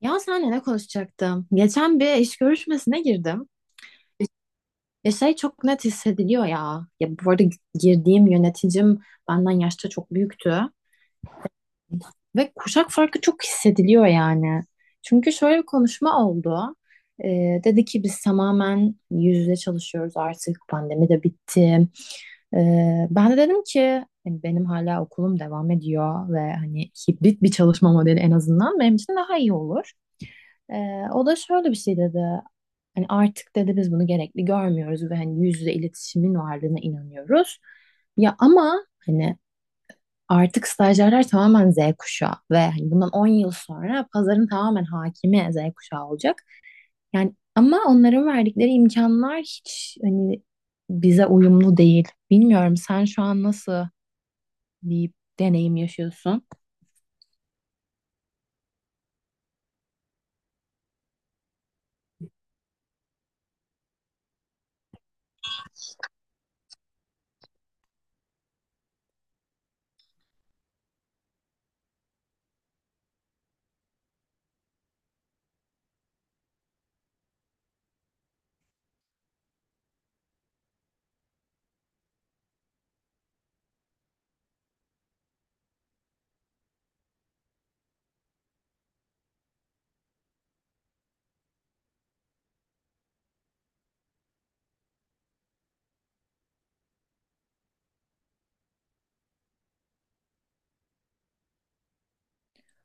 Ya senle ne konuşacaktım? Geçen bir iş görüşmesine girdim. Ya şey çok net hissediliyor ya. Ya bu arada girdiğim yöneticim benden yaşta çok büyüktü. Ve kuşak farkı çok hissediliyor yani. Çünkü şöyle bir konuşma oldu. Dedi ki biz tamamen yüz yüze çalışıyoruz artık. Pandemi de bitti. Ben de dedim ki hani benim hala okulum devam ediyor ve hani hibrit bir çalışma modeli en azından benim için daha iyi olur. O da şöyle bir şey dedi. Hani artık dedi biz bunu gerekli görmüyoruz ve hani yüz yüze iletişimin varlığına inanıyoruz. Ya ama hani artık stajyerler tamamen Z kuşağı ve hani bundan 10 yıl sonra pazarın tamamen hakimi Z kuşağı olacak. Yani ama onların verdikleri imkanlar hiç hani bize uyumlu değil. Bilmiyorum sen şu an nasıl bir deneyim yaşıyorsun?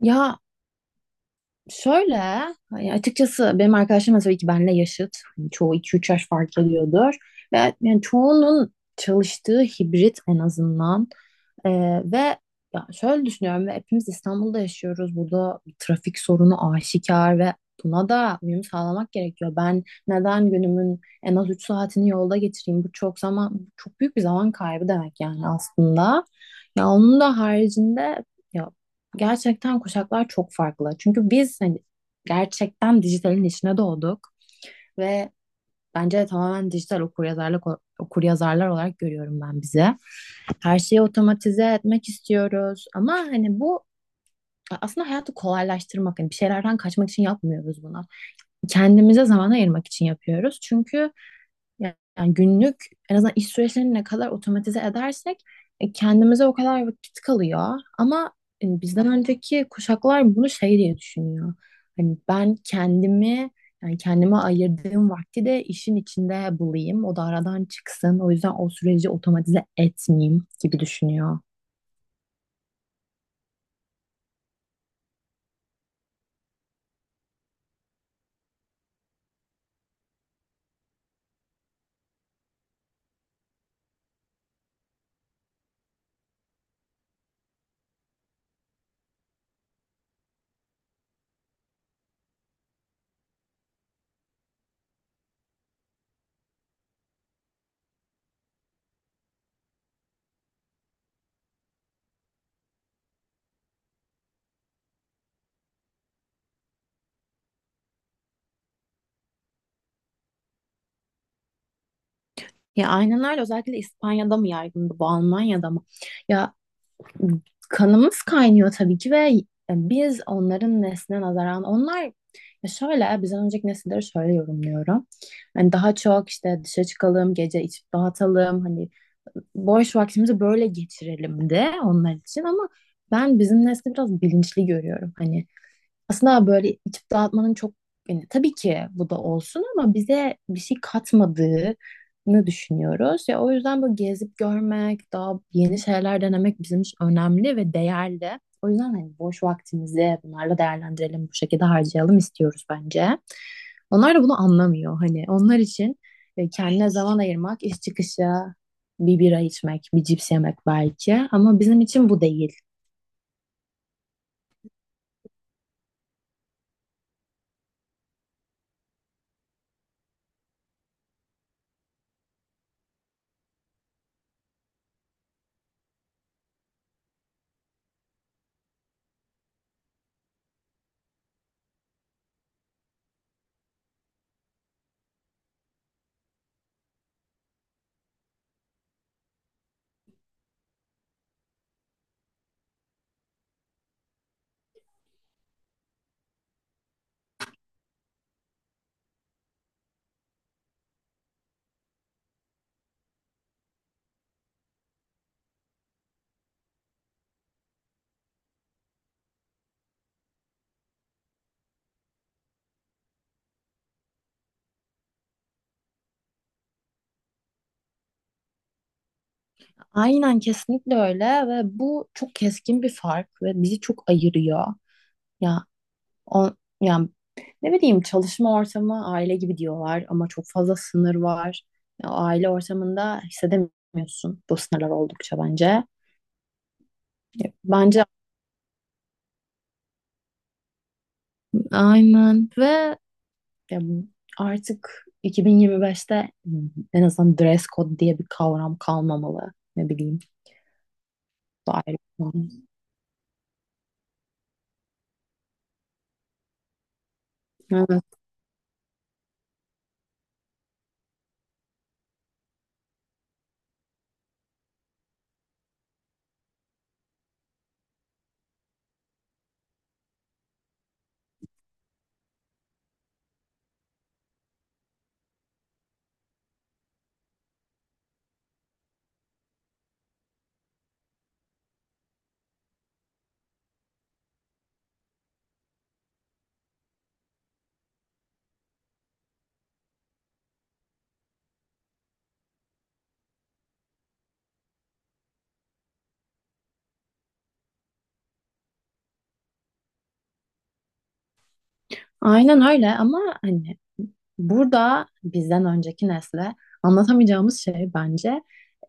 Ya şöyle, hani açıkçası benim arkadaşlarım da tabii ki benle yaşıt. Hani çoğu iki üç yaş fark ediyordur. Ve yani çoğunun çalıştığı hibrit en azından. Ee, ve Ya şöyle düşünüyorum ve hepimiz İstanbul'da yaşıyoruz. Burada bir trafik sorunu aşikar ve buna da uyum sağlamak gerekiyor. Ben neden günümün en az 3 saatini yolda geçireyim? Bu çok zaman, çok büyük bir zaman kaybı demek yani aslında. Ya onun da haricinde ya gerçekten kuşaklar çok farklı. Çünkü biz hani gerçekten dijitalin içine doğduk ve bence tamamen dijital okuryazarlar olarak görüyorum ben bizi. Her şeyi otomatize etmek istiyoruz ama hani bu aslında hayatı kolaylaştırmak, hani bir şeylerden kaçmak için yapmıyoruz bunu. Kendimize zaman ayırmak için yapıyoruz. Çünkü yani günlük en azından iş süreçlerini ne kadar otomatize edersek kendimize o kadar vakit kalıyor. Ama bizden önceki kuşaklar bunu şey diye düşünüyor. Hani ben kendimi yani kendime ayırdığım vakti de işin içinde bulayım. O da aradan çıksın. O yüzden o süreci otomatize etmeyeyim gibi düşünüyor. Ya aynen öyle, özellikle İspanya'da mı yaygındı bu, Almanya'da mı? Ya kanımız kaynıyor tabii ki ve biz onların nesline nazaran onlar ya şöyle bizden önceki nesilleri şöyle yorumluyorum. Hani daha çok işte dışa çıkalım, gece içip dağıtalım, hani boş vaktimizi böyle geçirelim de onlar için ama ben bizim nesli biraz bilinçli görüyorum. Hani aslında böyle içip dağıtmanın çok yani tabii ki bu da olsun ama bize bir şey katmadığını düşünüyoruz. Ya o yüzden böyle gezip görmek, daha yeni şeyler denemek bizim için önemli ve değerli. O yüzden hani boş vaktimizi bunlarla değerlendirelim, bu şekilde harcayalım istiyoruz bence. Onlar da bunu anlamıyor hani. Onlar için kendine zaman ayırmak, iş çıkışı bir bira içmek, bir cips yemek belki ama bizim için bu değil. Aynen, kesinlikle öyle ve bu çok keskin bir fark ve bizi çok ayırıyor. Ya o yani ne bileyim çalışma ortamı aile gibi diyorlar ama çok fazla sınır var. Ya, o aile ortamında hissedemiyorsun bu sınırlar oldukça bence. Ya, Bence aynen ve ya, Artık 2025'te en azından dress code diye bir kavram kalmamalı. Ne bileyim. Bu ayrı bir konu. Aynen öyle ama hani burada bizden önceki nesle anlatamayacağımız şey bence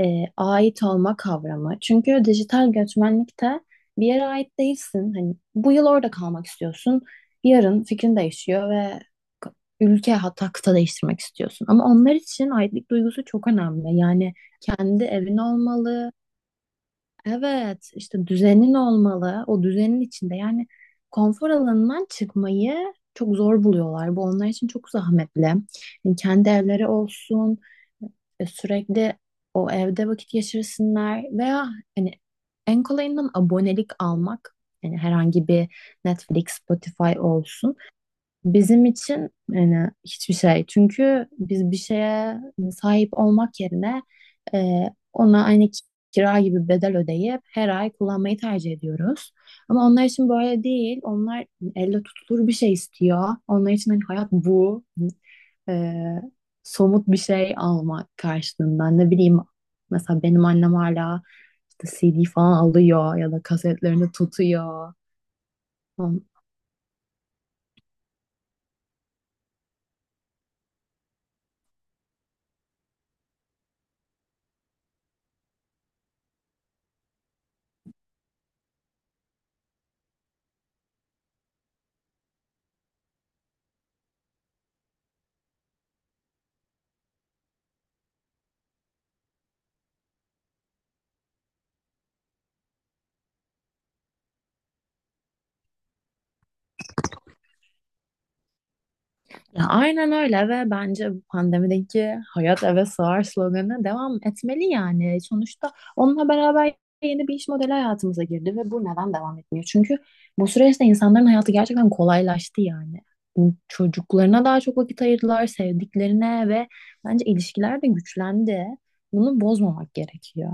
ait olma kavramı. Çünkü dijital göçmenlikte bir yere ait değilsin. Hani bu yıl orada kalmak istiyorsun. Yarın fikrin değişiyor ve k- ülke hatta kıta değiştirmek istiyorsun. Ama onlar için aitlik duygusu çok önemli. Yani kendi evin olmalı, evet, işte düzenin olmalı. O düzenin içinde yani konfor alanından çıkmayı çok zor buluyorlar. Bu onlar için çok zahmetli. Yani kendi evleri olsun, sürekli o evde vakit geçirsinler veya hani en kolayından abonelik almak. Yani herhangi bir Netflix, Spotify olsun. Bizim için yani hiçbir şey. Çünkü biz bir şeye sahip olmak yerine e, ona kira gibi bedel ödeyip her ay kullanmayı tercih ediyoruz. Ama onlar için böyle değil. Onlar elle tutulur bir şey istiyor. Onlar için hani hayat bu. E, Somut bir şey almak karşılığında. Ne bileyim mesela benim annem hala işte CD falan alıyor ya da kasetlerini tutuyor. Tamam. Ya aynen öyle ve bence bu pandemideki hayat eve sığar sloganına devam etmeli yani. Sonuçta onunla beraber yeni bir iş modeli hayatımıza girdi ve bu neden devam etmiyor? Çünkü bu süreçte insanların hayatı gerçekten kolaylaştı yani. Çocuklarına daha çok vakit ayırdılar, sevdiklerine ve bence ilişkiler de güçlendi. Bunu bozmamak gerekiyor.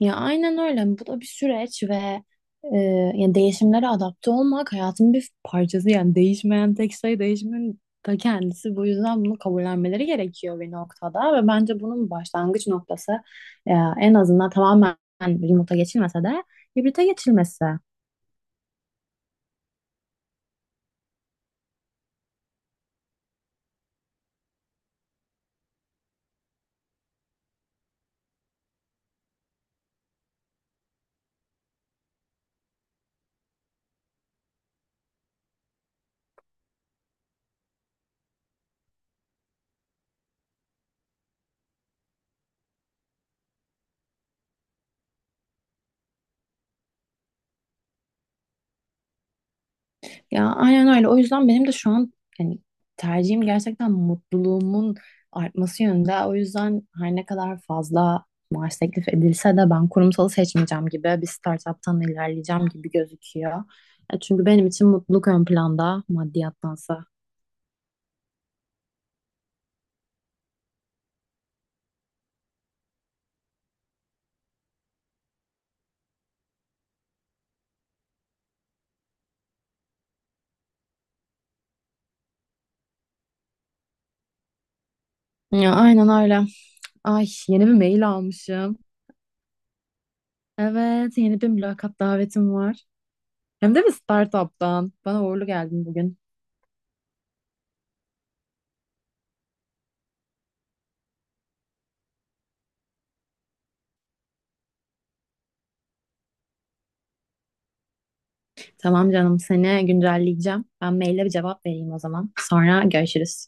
Ya aynen öyle. Yani bu da bir süreç ve e, yani değişimlere adapte olmak hayatın bir parçası. Yani değişmeyen tek şey değişimin ta kendisi. Bu yüzden bunu kabullenmeleri gerekiyor bir noktada ve bence bunun başlangıç noktası e, en azından tamamen remote'a geçilmese de hibrite geçilmesi. Ya aynen öyle. O yüzden benim de şu an yani tercihim gerçekten mutluluğumun artması yönünde. O yüzden her ne kadar fazla maaş teklif edilse de ben kurumsalı seçmeyeceğim gibi bir startuptan ilerleyeceğim gibi gözüküyor. Ya çünkü benim için mutluluk ön planda maddiyattansa. Ya aynen öyle. Ay, yeni bir mail almışım. Evet, yeni bir mülakat davetim var. Hem de bir startuptan. Bana uğurlu geldin bugün. Tamam canım, seni güncelleyeceğim. Ben maille bir cevap vereyim o zaman. Sonra görüşürüz.